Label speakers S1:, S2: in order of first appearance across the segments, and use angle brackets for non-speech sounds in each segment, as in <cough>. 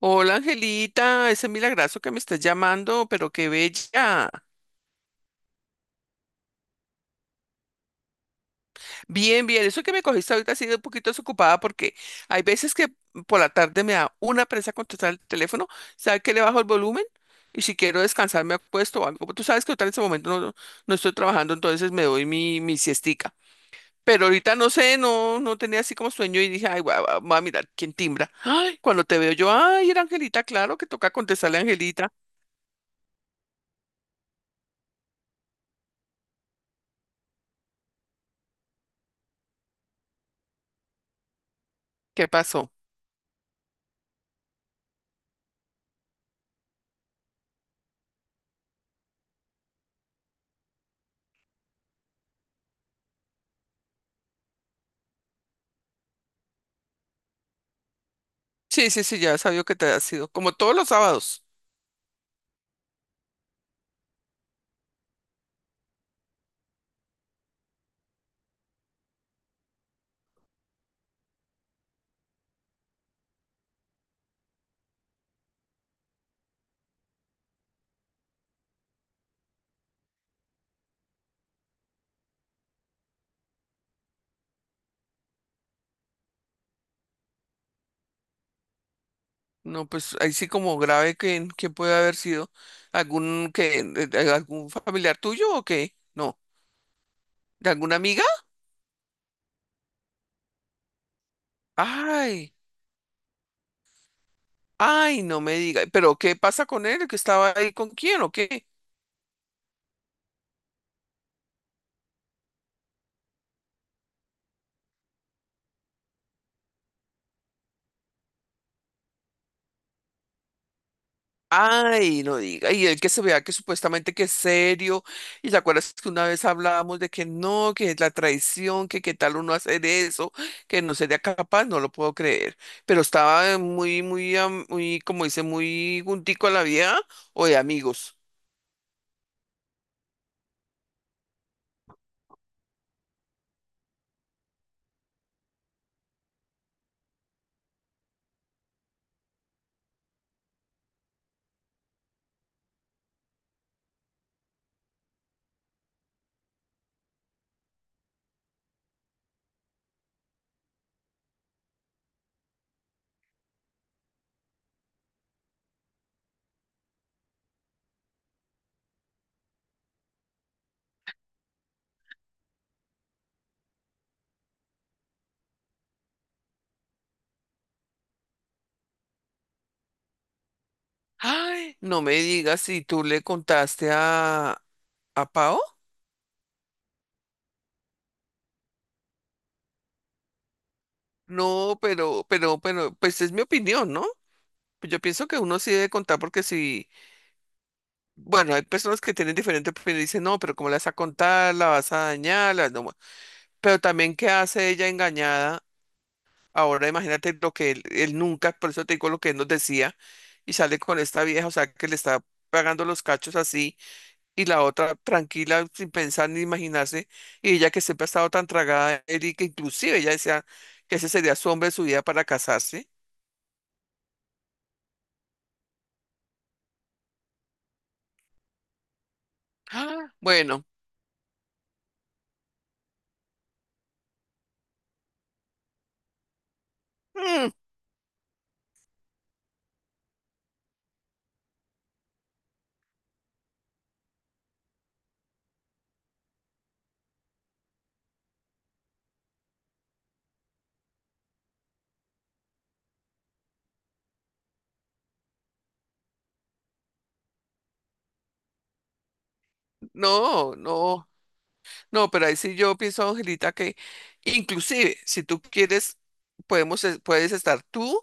S1: Hola Angelita, ese milagrazo que me estás llamando, pero qué bella. Bien, bien, eso que me cogiste ahorita ha sido un poquito desocupada porque hay veces que por la tarde me da una presa contestar el teléfono, ¿sabes que le bajo el volumen? Y si quiero descansar me acuesto o algo. Tú sabes que ahorita en ese momento no estoy trabajando, entonces me doy mi siestica. Pero ahorita no sé, no, no tenía así como sueño y dije, ay, voy a mirar quién timbra. Ay, cuando te veo yo, ay, era Angelita, claro que toca contestarle a Angelita. ¿Qué pasó? Sí, sí, sí, ya sabía que te ha sido. Como todos los sábados. No, pues ahí sí como grave que puede haber sido algún que algún familiar tuyo o qué. No, ¿de alguna amiga? Ay, ay, no me diga. ¿Pero qué pasa con él? ¿Que estaba ahí con quién o qué? Ay, no diga, y el que se vea que supuestamente que es serio, y te acuerdas que una vez hablábamos de que no, que es la traición, que qué tal uno hacer eso, que no sería capaz, no lo puedo creer, pero estaba muy, muy, muy, como dice, muy juntico a la vieja o de amigos. Ay, no me digas si tú le contaste a Pao. No, pues es mi opinión, ¿no? Pues yo pienso que uno sí debe contar porque si, bueno, hay personas que tienen diferente opinión y dicen, no, pero ¿cómo la vas a contar? ¿La vas a dañar? No. Pero también, ¿qué hace ella engañada? Ahora imagínate lo que él nunca, por eso te digo lo que él nos decía, y sale con esta vieja, o sea, que le está pagando los cachos así, y la otra tranquila, sin pensar ni imaginarse, y ella que siempre ha estado tan tragada, él y que inclusive ella decía que ese sería su hombre de su vida para casarse. Ah, bueno, mm, no, no, no, pero ahí sí yo pienso, Angelita, que inclusive si tú quieres, podemos, puedes estar tú,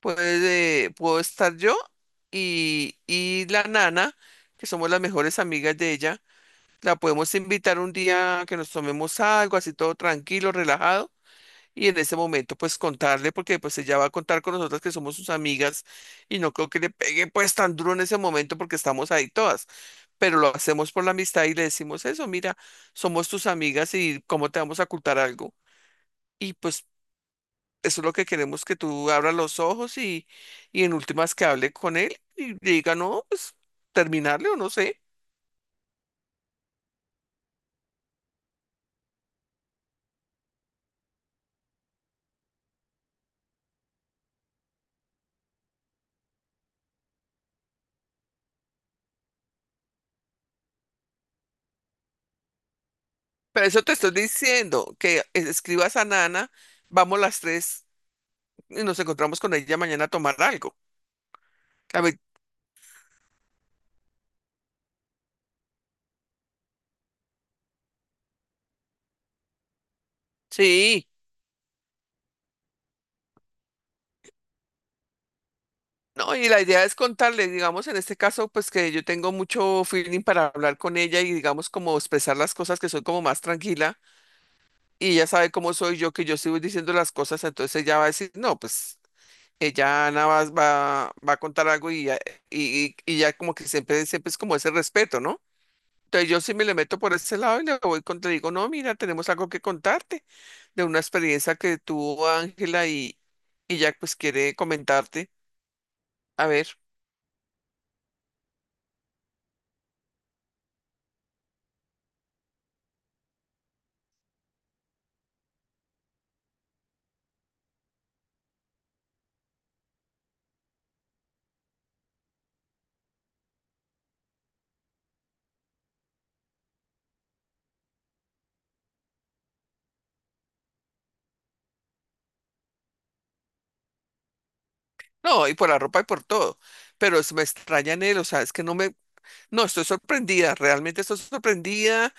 S1: puedes, puedo estar yo y la nana, que somos las mejores amigas de ella, la podemos invitar un día a que nos tomemos algo, así todo tranquilo, relajado, y en ese momento pues contarle, porque pues ella va a contar con nosotras que somos sus amigas y no creo que le pegue pues tan duro en ese momento porque estamos ahí todas. Pero lo hacemos por la amistad y le decimos eso, mira, somos tus amigas y cómo te vamos a ocultar algo. Y pues eso es lo que queremos que tú abras los ojos y en últimas que hable con él y le diga, no, pues terminarle o no sé. Pero eso te estoy diciendo, que escribas a Nana, vamos las tres y nos encontramos con ella mañana a tomar algo. A ver, sí. No, y la idea es contarle, digamos, en este caso, pues que yo tengo mucho feeling para hablar con ella y digamos como expresar las cosas que soy como más tranquila y ella sabe cómo soy yo, que yo sigo diciendo las cosas, entonces ella va a decir, no, pues ella Ana va a contar algo y ya, y ya como que siempre, siempre es como ese respeto, ¿no? Entonces yo sí me le meto por ese lado y le voy contra, le digo, no, mira, tenemos algo que contarte de una experiencia que tuvo Ángela y ya pues quiere comentarte, a ver, no, y por la ropa y por todo, pero me extraña en él, o sea, es que no me, no, estoy sorprendida, realmente estoy sorprendida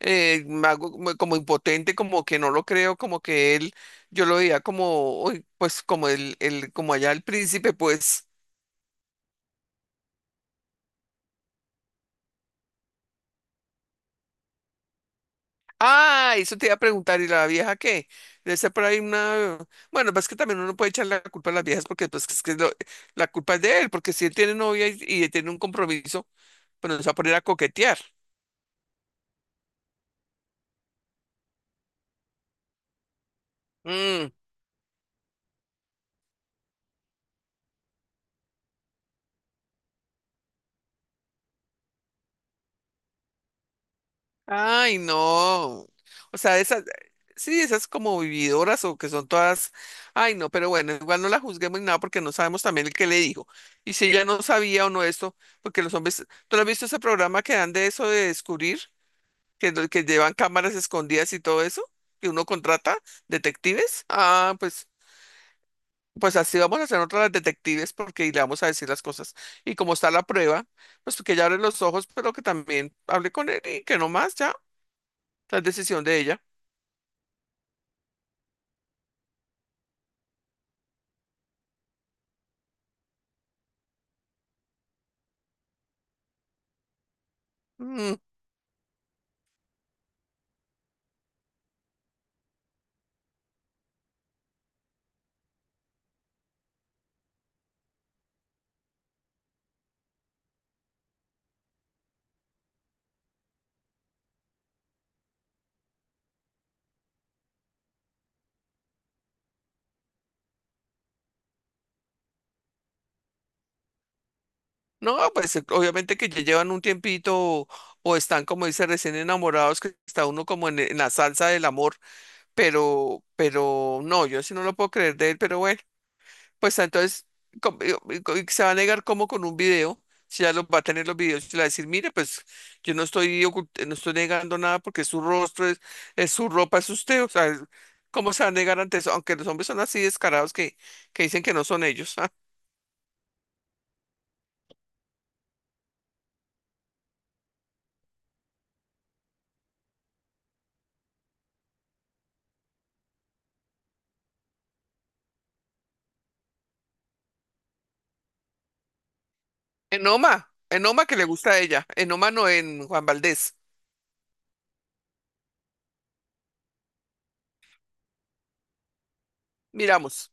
S1: me hago como como impotente, como que no lo creo, como que él, yo lo veía como, uy, pues como como allá el príncipe, pues, ah, eso te iba a preguntar, ¿y la vieja qué? Debe ser por ahí una, bueno, pues que también uno puede echar la culpa a las viejas porque pues es que la culpa es de él, porque si él tiene novia y tiene un compromiso, pues nos va a poner a coquetear. Mm. Ay, no. O sea, esas, sí, esas como vividoras o que son todas, ay, no, pero bueno, igual no la juzguemos ni nada porque no sabemos también el que le dijo. Y si ella no sabía o no esto, porque los hombres, ¿tú no has visto ese programa que dan de eso de descubrir, que, que llevan cámaras escondidas y todo eso, que uno contrata detectives? Ah, pues, pues así vamos a hacer otras detectives porque y le vamos a decir las cosas. Y como está la prueba, pues que ella abre los ojos, pero que también hable con él y que no más ya, la decisión de ella. Mm. No, pues obviamente que ya llevan un tiempito o están, como dice, recién enamorados, que está uno como en la salsa del amor, pero no, yo sí no lo puedo creer de él, pero bueno. Pues entonces y se va a negar como con un video, si ya los va a tener los videos, y le va a decir, mire, pues yo no estoy no estoy negando nada porque es su rostro, es su ropa, es usted, o sea, ¿cómo se va a negar ante eso? Aunque los hombres son así descarados que dicen que no son ellos. <laughs> ah. En Oma que le gusta a ella, en Oma no en Juan Valdés. Miramos.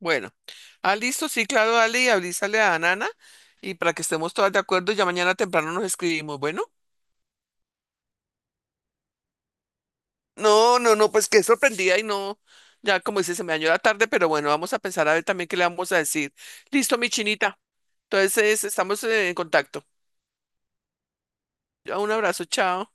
S1: Bueno, ah, listo, sí, claro, dale y avísale a Nana y para que estemos todas de acuerdo, ya mañana temprano nos escribimos. Bueno, no, no, no, pues qué sorprendida y no, ya como dice, se me dañó la tarde, pero bueno, vamos a pensar a ver también qué le vamos a decir. Listo, mi chinita. Entonces, estamos en contacto. Un abrazo, chao.